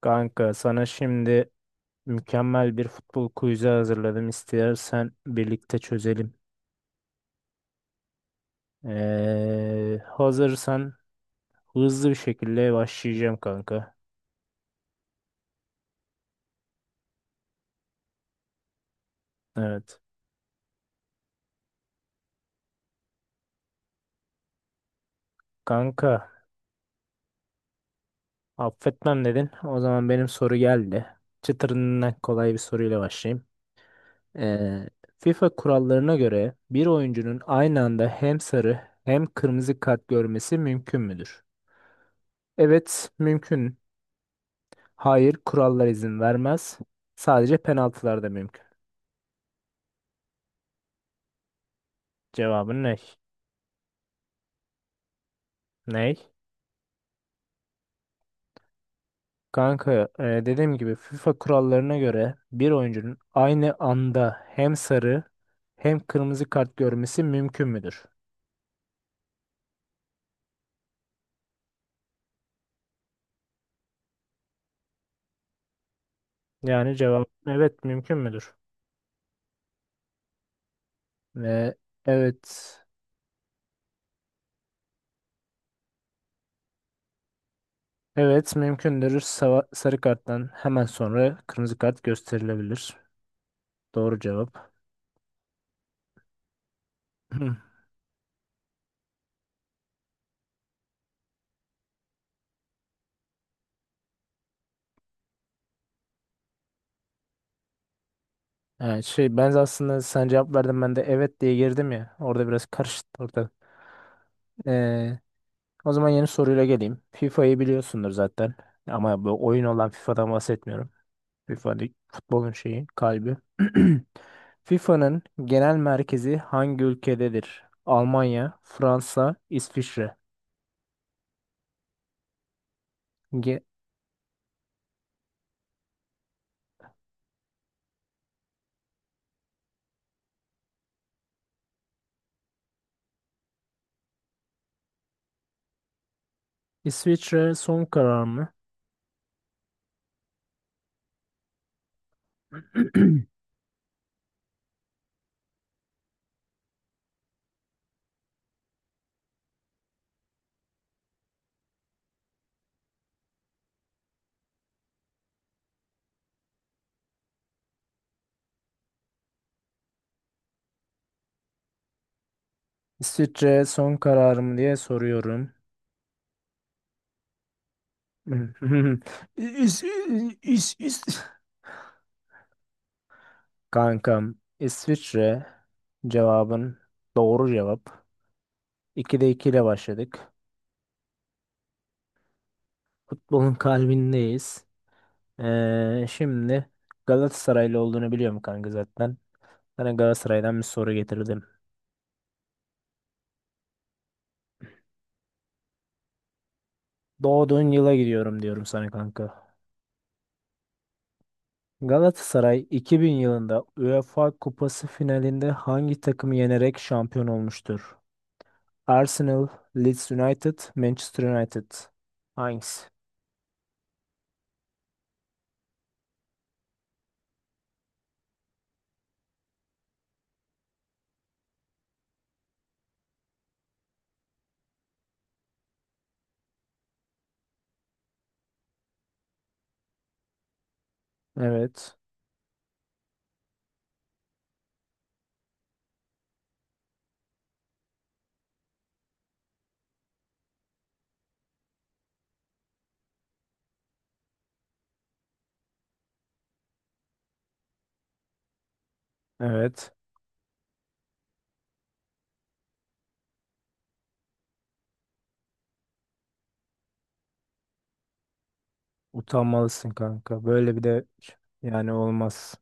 Kanka sana şimdi mükemmel bir futbol quiz'i hazırladım. İstersen birlikte çözelim. Hazırsan hızlı bir şekilde başlayacağım kanka. Evet. Kanka affetmem dedin. O zaman benim soru geldi. Çıtırından kolay bir soruyla başlayayım. Ee, FIFA kurallarına göre bir oyuncunun aynı anda hem sarı hem kırmızı kart görmesi mümkün müdür? Evet, mümkün. Hayır, kurallar izin vermez. Sadece penaltılarda mümkün. Cevabın ne? Ney? Kanka, dediğim gibi FIFA kurallarına göre bir oyuncunun aynı anda hem sarı hem kırmızı kart görmesi mümkün müdür? Yani cevap evet mümkün müdür? Ve evet, evet mümkündür. Sarı karttan hemen sonra kırmızı kart gösterilebilir. Doğru cevap. Yani şey, ben aslında sen cevap verdin, ben de evet diye girdim ya. Orada biraz karıştı ortalık. Ee, O zaman yeni soruyla geleyim. FIFA'yı biliyorsundur zaten. Ama bu oyun olan FIFA'dan bahsetmiyorum. FIFA futbolun şeyi, kalbi. FIFA'nın genel merkezi hangi ülkededir? Almanya, Fransa, İsviçre. Ge- İsviçre son karar mı? İsviçre son karar mı diye soruyorum. İs, is, is. Kankam, İsviçre cevabın doğru cevap. 2'de 2 ile başladık. Futbolun kalbindeyiz. Şimdi Galatasaraylı olduğunu biliyorum kanka zaten. Sana Galatasaray'dan bir soru getirdim. Doğduğun yıla gidiyorum diyorum sana kanka. Galatasaray 2000 yılında UEFA Kupası finalinde hangi takımı yenerek şampiyon olmuştur? Arsenal, Leeds United, Manchester United. Hangisi? Evet. Evet. Utanmalısın kanka. Böyle bir de yani olmaz.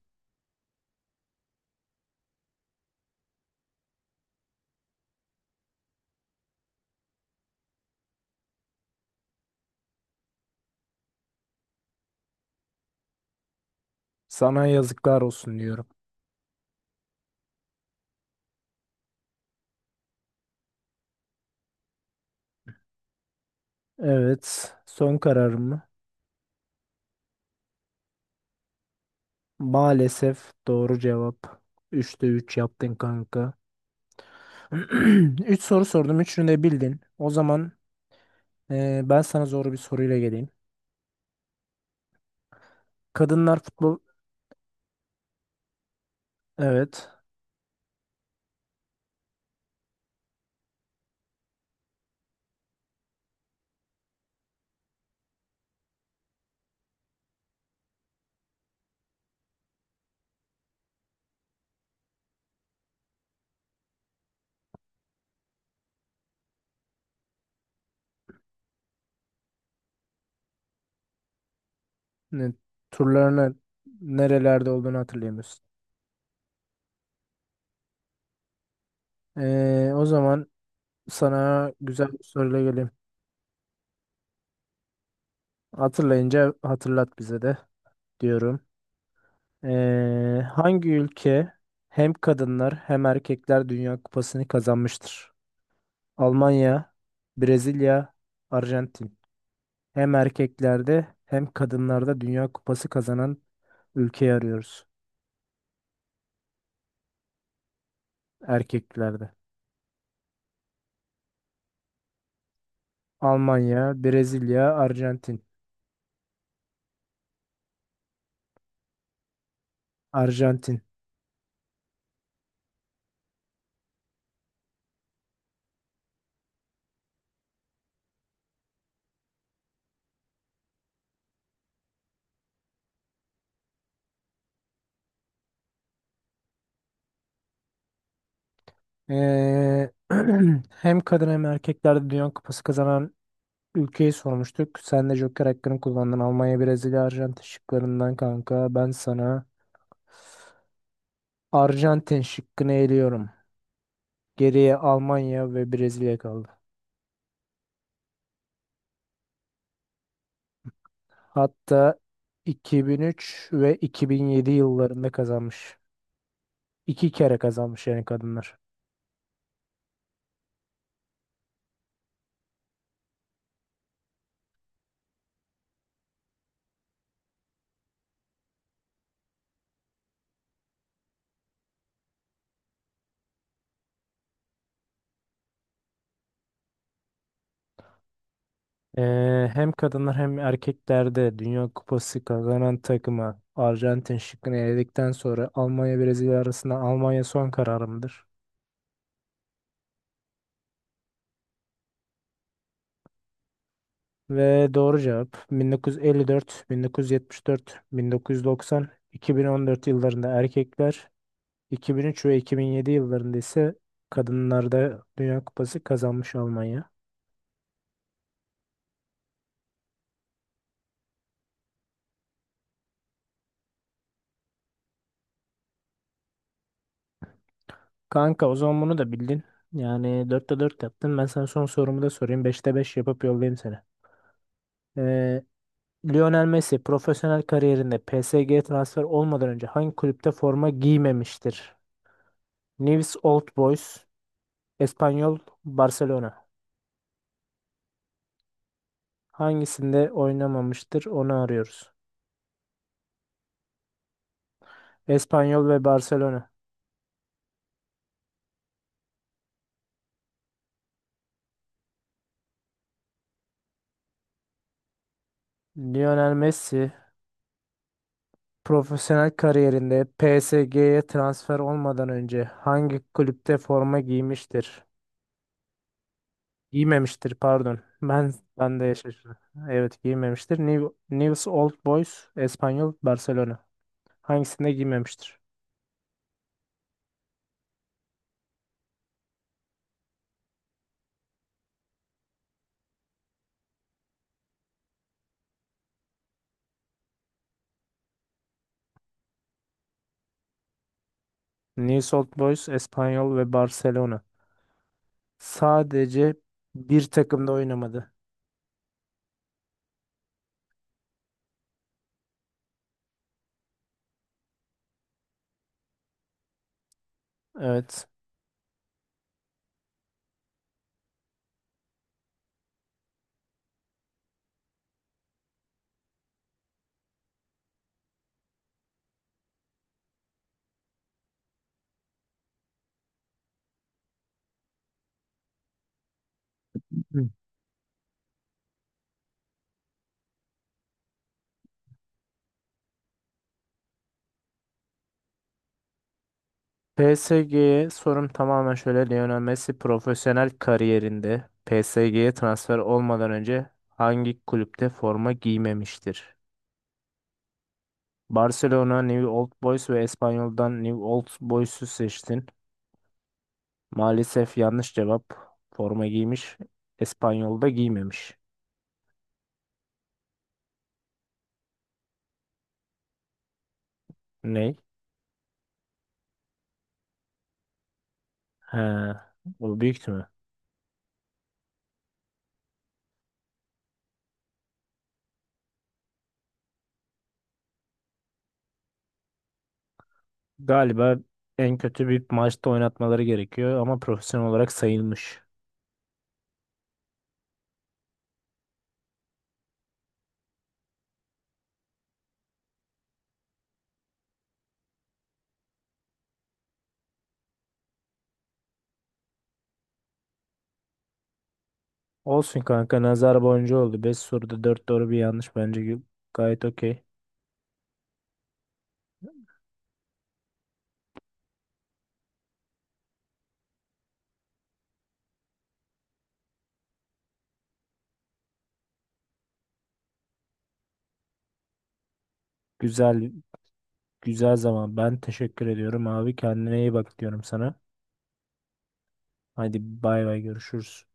Sana yazıklar olsun diyorum. Evet. Son kararım mı? Maalesef doğru cevap. Üçte 3 yaptın kanka. 3 soru sordum. Üçünü de bildin. O zaman ben sana zor bir soruyla geleyim. Kadınlar futbol... Evet. Ne, turlarını nerelerde olduğunu hatırlayamıyorsun. O zaman sana güzel bir soruyla geleyim. Hatırlayınca hatırlat bize de diyorum. Hangi ülke hem kadınlar hem erkekler Dünya Kupası'nı kazanmıştır? Almanya, Brezilya, Arjantin. Hem erkeklerde hem kadınlarda Dünya Kupası kazanan ülkeyi arıyoruz. Erkeklerde. Almanya, Brezilya, Arjantin. Arjantin. Ee, Hem kadın hem erkeklerde Dünya Kupası kazanan ülkeyi sormuştuk. Sen de Joker hakkını kullandın. Almanya, Brezilya, Arjantin şıklarından kanka. Ben sana Arjantin şıkkını eliyorum. Geriye Almanya ve Brezilya kaldı. Hatta 2003 ve 2007 yıllarında kazanmış. İki kere kazanmış yani kadınlar. Hem kadınlar hem erkeklerde Dünya Kupası kazanan takıma Arjantin şıkkını eledikten sonra Almanya Brezilya arasında Almanya son kararımdır. Ve doğru cevap: 1954, 1974, 1990, 2014 yıllarında erkekler, 2003 ve 2007 yıllarında ise kadınlarda Dünya Kupası kazanmış Almanya. Kanka o zaman bunu da bildin. Yani dörtte 4 yaptın. Ben sana son sorumu da sorayım. Beşte 5 yapıp yollayayım seni. Ee, Lionel Messi profesyonel kariyerinde PSG transfer olmadan önce hangi kulüpte forma giymemiştir? Newell's Old Boys, Espanyol, Barcelona. Hangisinde oynamamıştır onu arıyoruz. Espanyol ve Barcelona. Lionel Messi profesyonel kariyerinde PSG'ye transfer olmadan önce hangi kulüpte forma giymiştir? Giymemiştir, pardon. Ben de şaşırdım. Evet, giymemiştir. News Old Boys, Espanyol, Barcelona. Hangisinde giymemiştir? News Old Boys, Espanyol ve Barcelona. Sadece bir takımda oynamadı. Evet. PSG'ye sorum tamamen şöyle: Lionel Messi profesyonel kariyerinde PSG'ye transfer olmadan önce hangi kulüpte forma giymemiştir? Barcelona, New Old Boys ve Espanyol'dan New Old Boys'u seçtin. Maalesef yanlış cevap. Forma giymiş. İspanyol'da giymemiş. Ney? He, bu büyük mü? Galiba en kötü bir maçta oynatmaları gerekiyor ama profesyonel olarak sayılmış. Olsun kanka, nazar boncuğu oldu. Beş soruda 4 doğru bir yanlış bence gayet okey. Güzel, güzel zaman. Ben teşekkür ediyorum abi. Kendine iyi bak diyorum sana. Hadi bay bay, görüşürüz.